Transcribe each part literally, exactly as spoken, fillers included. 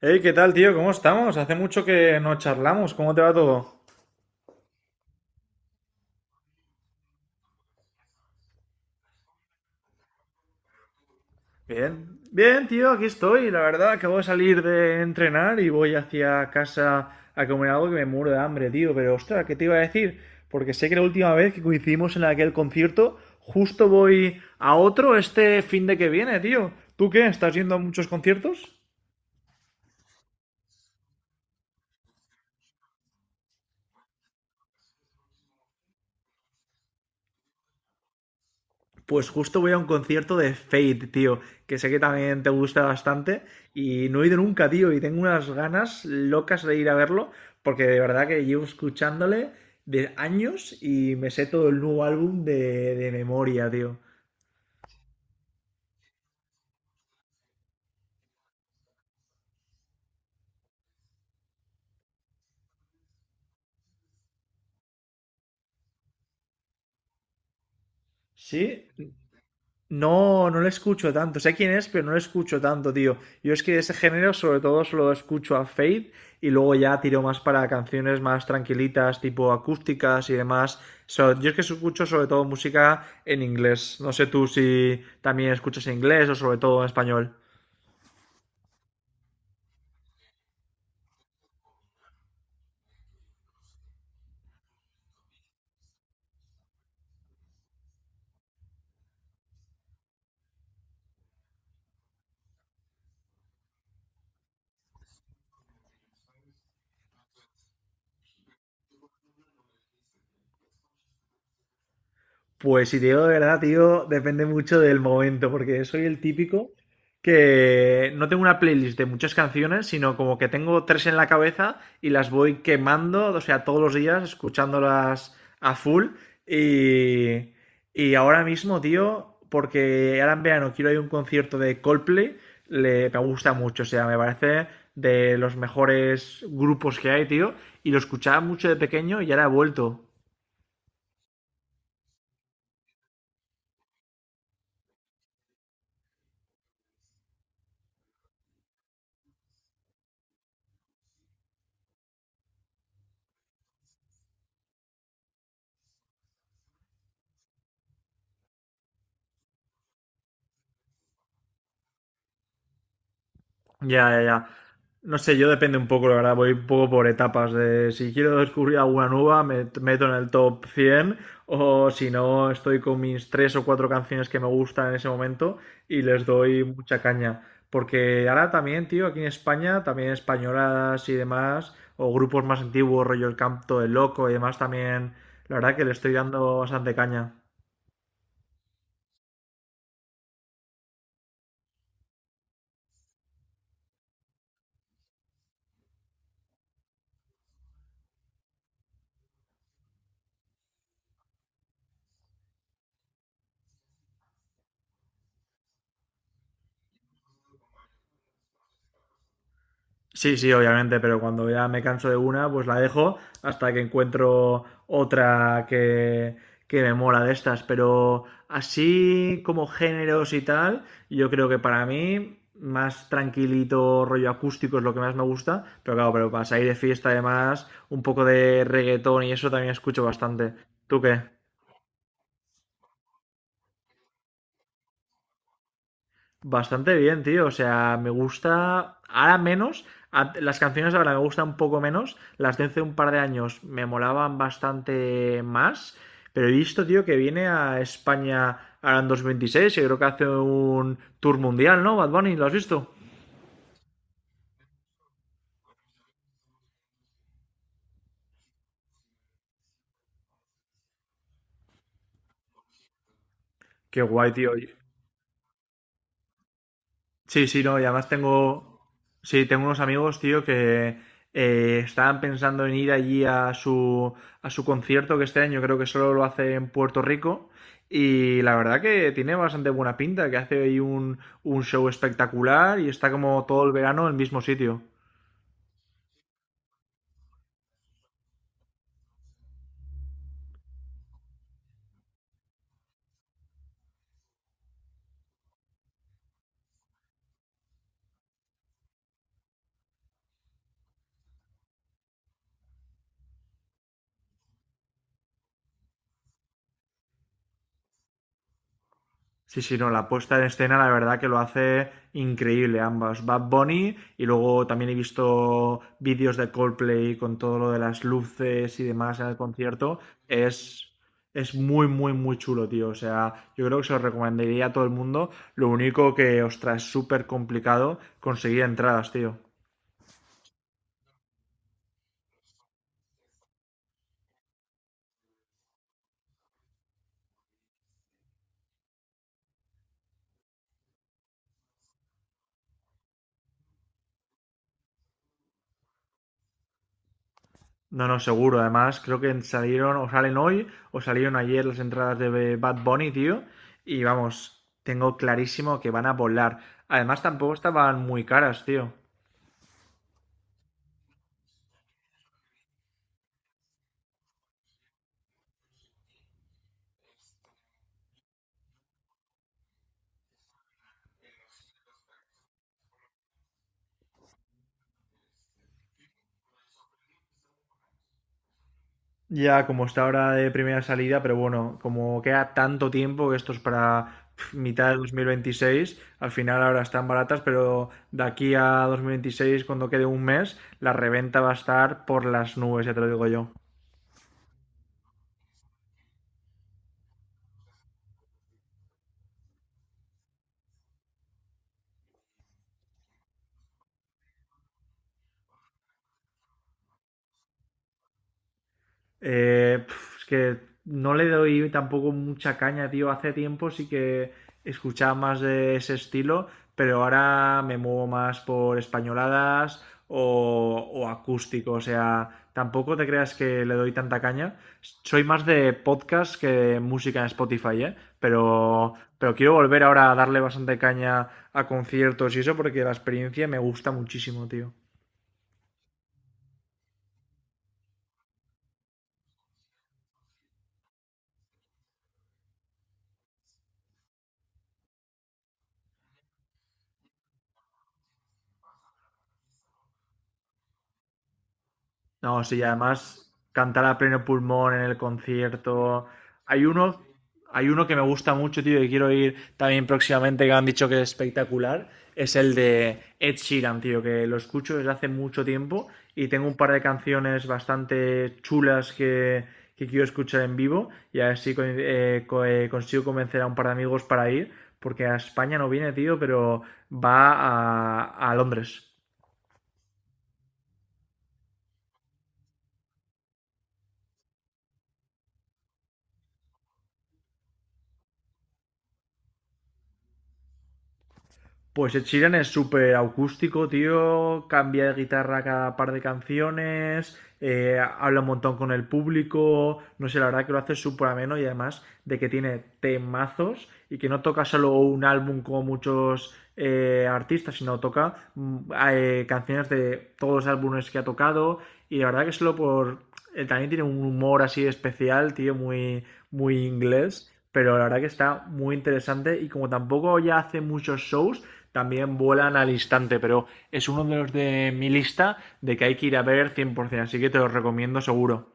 Hey, ¿qué tal, tío? ¿Cómo estamos? Hace mucho que no charlamos. ¿Cómo te va todo? Bien, bien, tío, aquí estoy. La verdad, acabo de salir de entrenar y voy hacia casa a comer algo que me muero de hambre, tío. Pero, ostras, ¿qué te iba a decir? Porque sé que la última vez que coincidimos en aquel concierto, justo voy a otro este fin de que viene, tío. ¿Tú qué? ¿Estás yendo a muchos conciertos? Pues justo voy a un concierto de Fate, tío, que sé que también te gusta bastante y no he ido nunca, tío, y tengo unas ganas locas de ir a verlo porque de verdad que llevo escuchándole de años y me sé todo el nuevo álbum de, de memoria, tío. Sí. No, no le escucho tanto. Sé quién es, pero no le escucho tanto, tío. Yo es que de ese género sobre todo solo escucho a Fade y luego ya tiro más para canciones más tranquilitas, tipo acústicas y demás. So- yo es que escucho sobre todo música en inglés. No sé tú si también escuchas en inglés o sobre todo en español. Pues si te digo de verdad, tío, depende mucho del momento, porque soy el típico que no tengo una playlist de muchas canciones, sino como que tengo tres en la cabeza y las voy quemando, o sea, todos los días escuchándolas a full. Y, y ahora mismo, tío, porque ahora en verano quiero ir a un concierto de Coldplay, le, me gusta mucho, o sea, me parece de los mejores grupos que hay, tío, y lo escuchaba mucho de pequeño y ahora he vuelto. Ya, ya, ya. No sé, yo depende un poco, la verdad, voy un poco por etapas. De, si quiero descubrir alguna nueva, me t- meto en el top cien, o si no, estoy con mis tres o cuatro canciones que me gustan en ese momento y les doy mucha caña. Porque ahora también, tío, aquí en España, también españolas y demás, o grupos más antiguos, rollo El Canto del Loco y demás, también, la verdad que le estoy dando bastante caña. Sí, sí, obviamente, pero cuando ya me canso de una, pues la dejo hasta que encuentro otra que, que me mola de estas. Pero así como géneros y tal, yo creo que para mí más tranquilito, rollo acústico es lo que más me gusta. Pero claro, pero para salir de fiesta además, un poco de reggaetón y eso también escucho bastante. ¿Tú qué? Bastante bien, tío. O sea, me gusta. Ahora menos. a- Las canciones ahora me gustan un poco menos. Las de hace un par de años me molaban bastante más. Pero he visto, tío, que viene a España ahora en dos mil veintiséis. Y creo que hace un tour mundial, ¿no? Bad Bunny, ¿lo has visto? Qué guay, tío. Sí, sí, no, y además tengo, sí, tengo unos amigos, tío, que eh, estaban pensando en ir allí a su, a su concierto, que este año creo que solo lo hace en Puerto Rico, y la verdad que tiene bastante buena pinta, que hace ahí un, un show espectacular y está como todo el verano en el mismo sitio. Sí, sí, no, la puesta en escena la verdad que lo hace increíble ambas. Bad Bunny y luego también he visto vídeos de Coldplay con todo lo de las luces y demás en el concierto. Es, es muy, muy, muy chulo, tío. O sea, yo creo que se lo recomendaría a todo el mundo. Lo único que, ostras, es súper complicado conseguir entradas, tío. No, no, seguro. Además, creo que salieron o salen hoy o salieron ayer las entradas de Bad Bunny, tío. Y vamos, tengo clarísimo que van a volar. Además, tampoco estaban muy caras, tío. Ya como está ahora de primera salida, pero bueno, como queda tanto tiempo que esto es para pf, mitad de dos mil veintiséis, al final ahora están baratas, pero de aquí a dos mil veintiséis, cuando quede un mes, la reventa va a estar por las nubes, ya te lo digo yo. Eh, es que no le doy tampoco mucha caña, tío. Hace tiempo sí que escuchaba más de ese estilo, pero ahora me muevo más por españoladas o, o acústico. O sea, tampoco te creas que le doy tanta caña. Soy más de podcast que de música en Spotify, ¿eh? Pero, pero quiero volver ahora a darle bastante caña a conciertos y eso porque la experiencia me gusta muchísimo, tío. No, sí, además cantar a pleno pulmón en el concierto. Hay uno, hay uno que me gusta mucho, tío, y quiero ir también próximamente, que me han dicho que es espectacular. Es el de Ed Sheeran, tío, que lo escucho desde hace mucho tiempo y tengo un par de canciones bastante chulas que, que quiero escuchar en vivo y a ver si co- eh, co- eh, consigo convencer a un par de amigos para ir, porque a España no viene, tío, pero va a, a Londres. Pues Ed Sheeran es súper acústico, tío. Cambia de guitarra cada par de canciones. Eh, habla un montón con el público. No sé, la verdad que lo hace súper ameno y además de que tiene temazos y que no toca solo un álbum como muchos eh, artistas, sino toca mm, eh, canciones de todos los álbumes que ha tocado. Y la verdad que solo por eh, también tiene un humor así especial, tío, muy, muy inglés, pero la verdad que está muy interesante y como tampoco ya hace muchos shows, también vuelan al instante, pero es uno de los de mi lista de que hay que ir a ver cien por ciento, así que te los recomiendo seguro.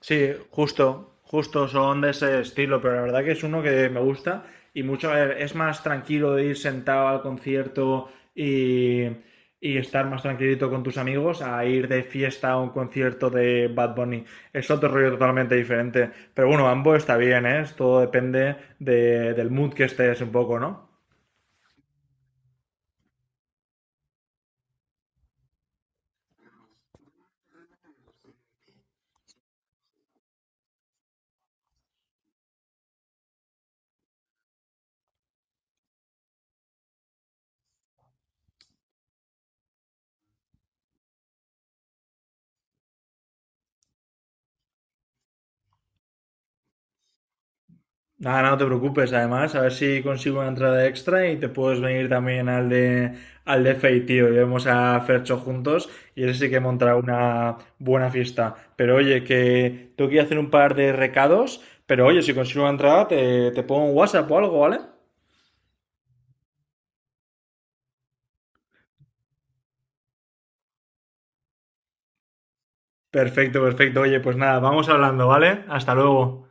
Sí, justo, justo son de ese estilo, pero la verdad que es uno que me gusta y mucho, a ver, es más tranquilo de ir sentado al concierto y, y estar más tranquilito con tus amigos a ir de fiesta a un concierto de Bad Bunny. Es otro rollo totalmente diferente, pero bueno, ambos está bien, ¿eh? Todo depende de- del mood que estés un poco, ¿no? Ah, no te preocupes, además, a ver si consigo una entrada extra y te puedes venir también al de, al de Fey, tío. Llevamos a Fercho juntos y ese sí que montará una buena fiesta. Pero oye, que tengo que ir a hacer un par de recados, pero oye, si consigo una entrada te, te pongo un WhatsApp o algo, ¿vale? Perfecto, perfecto. Oye, pues nada, vamos hablando, ¿vale? Hasta luego.